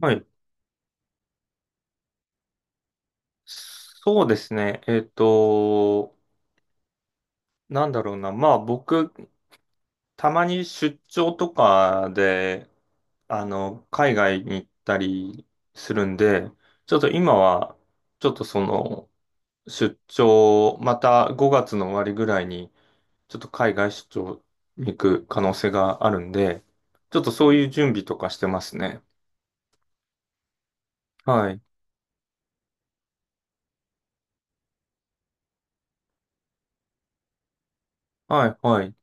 はい。そうですね。なんだろうな。まあ僕、たまに出張とかで、海外に行ったりするんで、ちょっと今は、ちょっと出張、また5月の終わりぐらいに、ちょっと海外出張に行く可能性があるんで、ちょっとそういう準備とかしてますね。はい。はい、はい。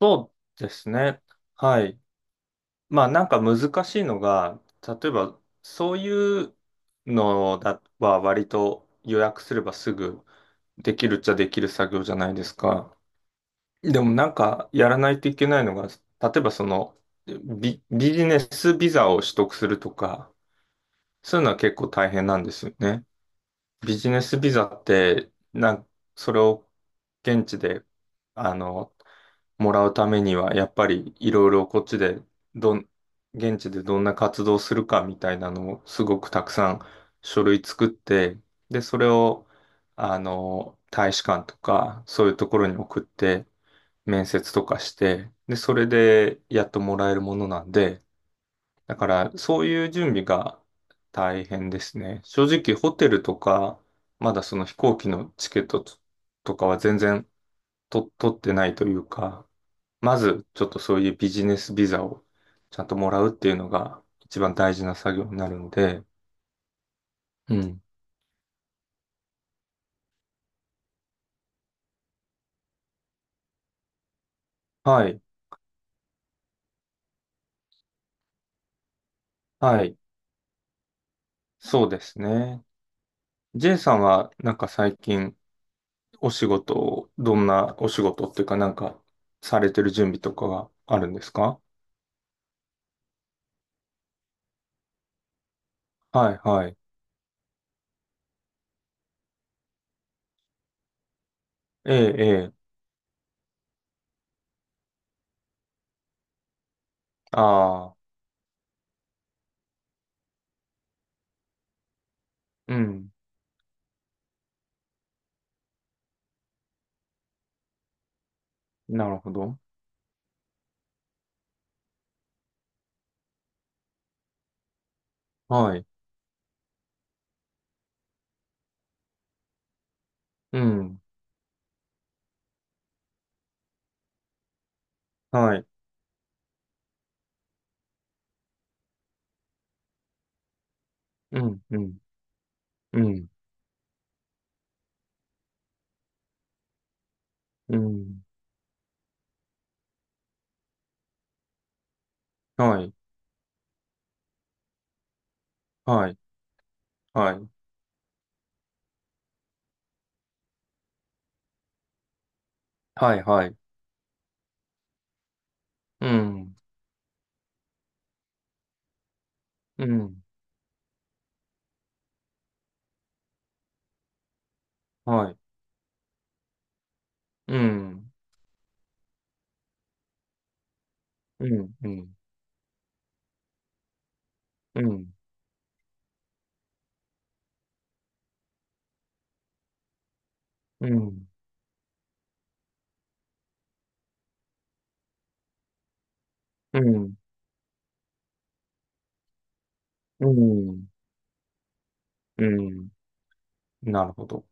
そうですね。はい。まあなんか難しいのが、例えばそういうのだは割と予約すればすぐできるっちゃできる作業じゃないですか。でもなんかやらないといけないのが、例えばそのビジネスビザを取得するとか、そういうのは結構大変なんですよね。ビジネスビザって、それを現地であのもらうためには、やっぱりいろいろこっちで、どん、現地でどんな活動するかみたいなのをすごくたくさん書類作って、で、それを、大使館とか、そういうところに送って、面接とかして、で、それでやっともらえるものなんで、だからそういう準備が大変ですね。正直ホテルとか、まだその飛行機のチケットとかは全然取ってないというか、まず、ちょっとそういうビジネスビザをちゃんともらうっていうのが一番大事な作業になるので、うん。はい、はい、そうですね。J さんはなんか最近お仕事を、どんなお仕事っていうかなんかされてる準備とかはあるんですか？はい、はい。ええ、ええ、ああ、うん、なるほど。はい、うん、はい、うん、うん、うん、うん、はい、はい、はい、はい、はい、うん、うん。はい。うん。うん。うん。うん。うん。うん。うん。うん、なるほど。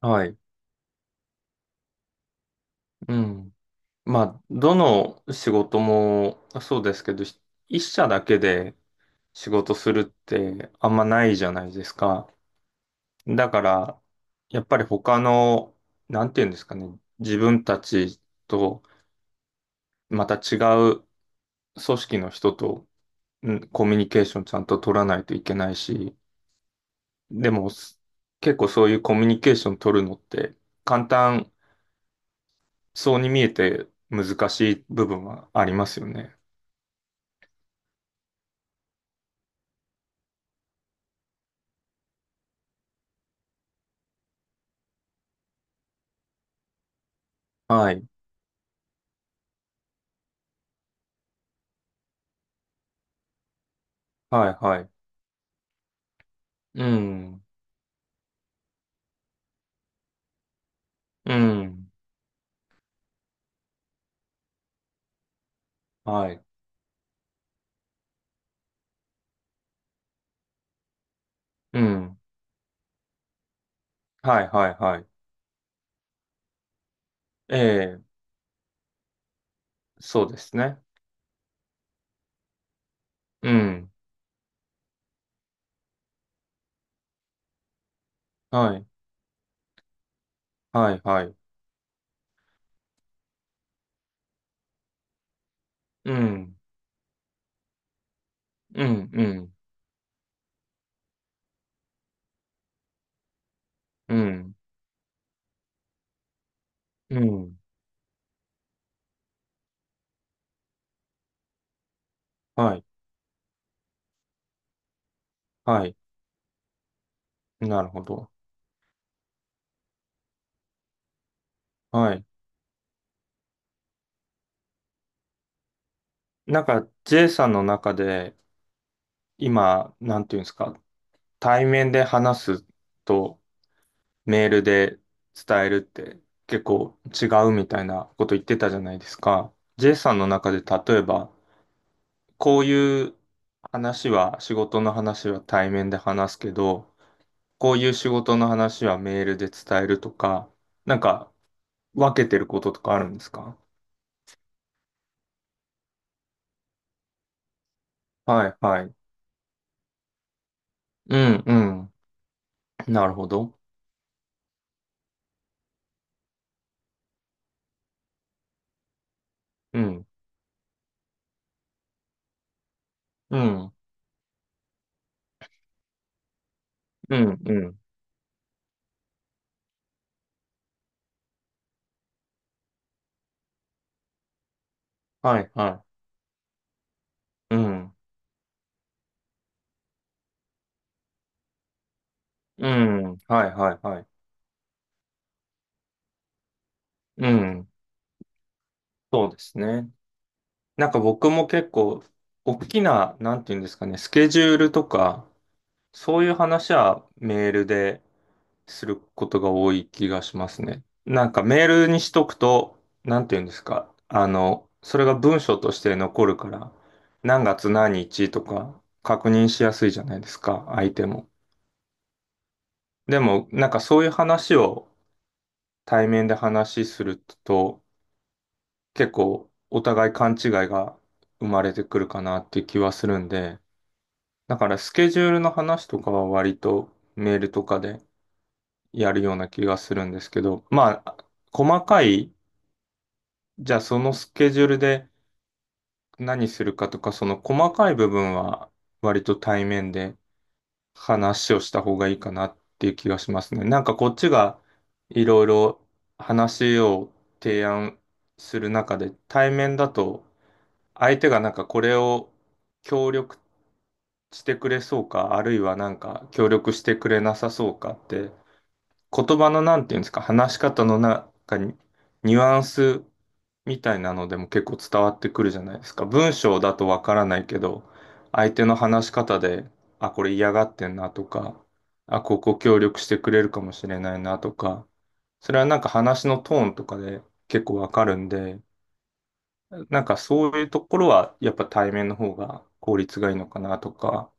はい。うん。まあ、どの仕事もそうですけど、一社だけで仕事するってあんまないじゃないですか。だから、やっぱり他の、なんていうんですかね、自分たちとまた違う組織の人と、うん、コミュニケーションちゃんと取らないといけないし、でも、結構そういうコミュニケーション取るのって簡単そうに見えて難しい部分はありますよね。はい。はい、はい。うん。うん。はい。うん。はい、はい、はい。ええ、そうですね。うん。はい。はい、はい。うん。うん、うん。うん。うん。はい。はい。なるほど。はい。なんか、J さんの中で今、なんていうんですか、対面で話すと、メールで伝えるって結構違うみたいなこと言ってたじゃないですか。J さんの中で例えば、こういう話は、仕事の話は対面で話すけど、こういう仕事の話はメールで伝えるとか、なんか分けてることとかあるんですか？はいはい。うんうん。なるほど。うん。うん。うんうん。はいはい。うん。うん。はいはいはい。うん。そうですね。なんか僕も結構、大きな、なんていうんですかね、スケジュールとか、そういう話はメールですることが多い気がしますね。なんかメールにしとくと、なんていうんですか、それが文章として残るから、何月何日とか確認しやすいじゃないですか、相手も。でも、なんかそういう話を対面で話しすると、結構お互い勘違いが生まれてくるかなって気はするんで、だからスケジュールの話とかは割とメールとかでやるような気がするんですけど、まあ、細かい、じゃあそのスケジュールで何するかとか、その細かい部分は割と対面で話をした方がいいかなっていう気がしますね。なんかこっちがいろいろ話を提案する中で、対面だと相手がなんかこれを協力してくれそうか、あるいはなんか協力してくれなさそうかって言葉のなんていうんですか、話し方の中にニュアンスみたいなのでも結構伝わってくるじゃないですか。文章だとわからないけど、相手の話し方で、あ、これ嫌がってんなとか、あ、ここ協力してくれるかもしれないなとか、それはなんか話のトーンとかで結構わかるんで、なんかそういうところはやっぱ対面の方が効率がいいのかなとか、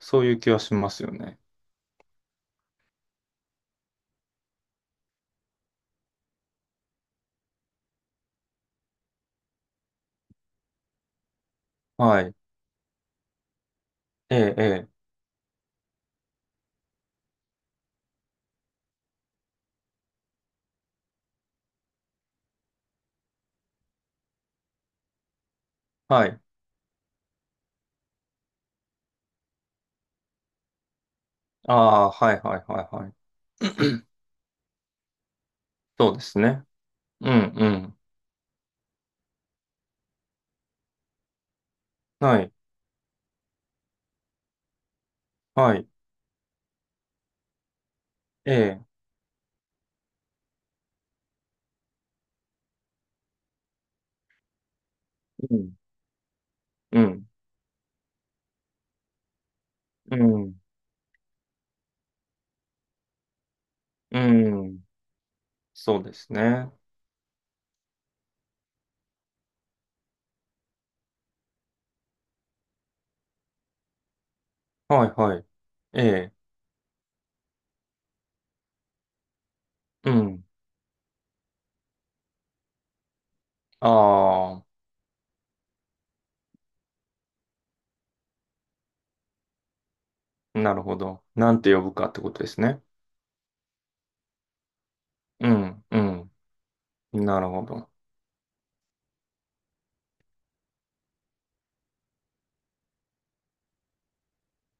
そういう気はしますよね。はい。ええ、ええ。はい。ああ、はい、はい、はい、はい。そうですね。うん、うん。はい、はい。ええ、うん、うん、うん、うん。そうですね。はい、はい。ええ、うん。ああ、なるほど。なんて呼ぶかってことですね。うん、うん。なるほど。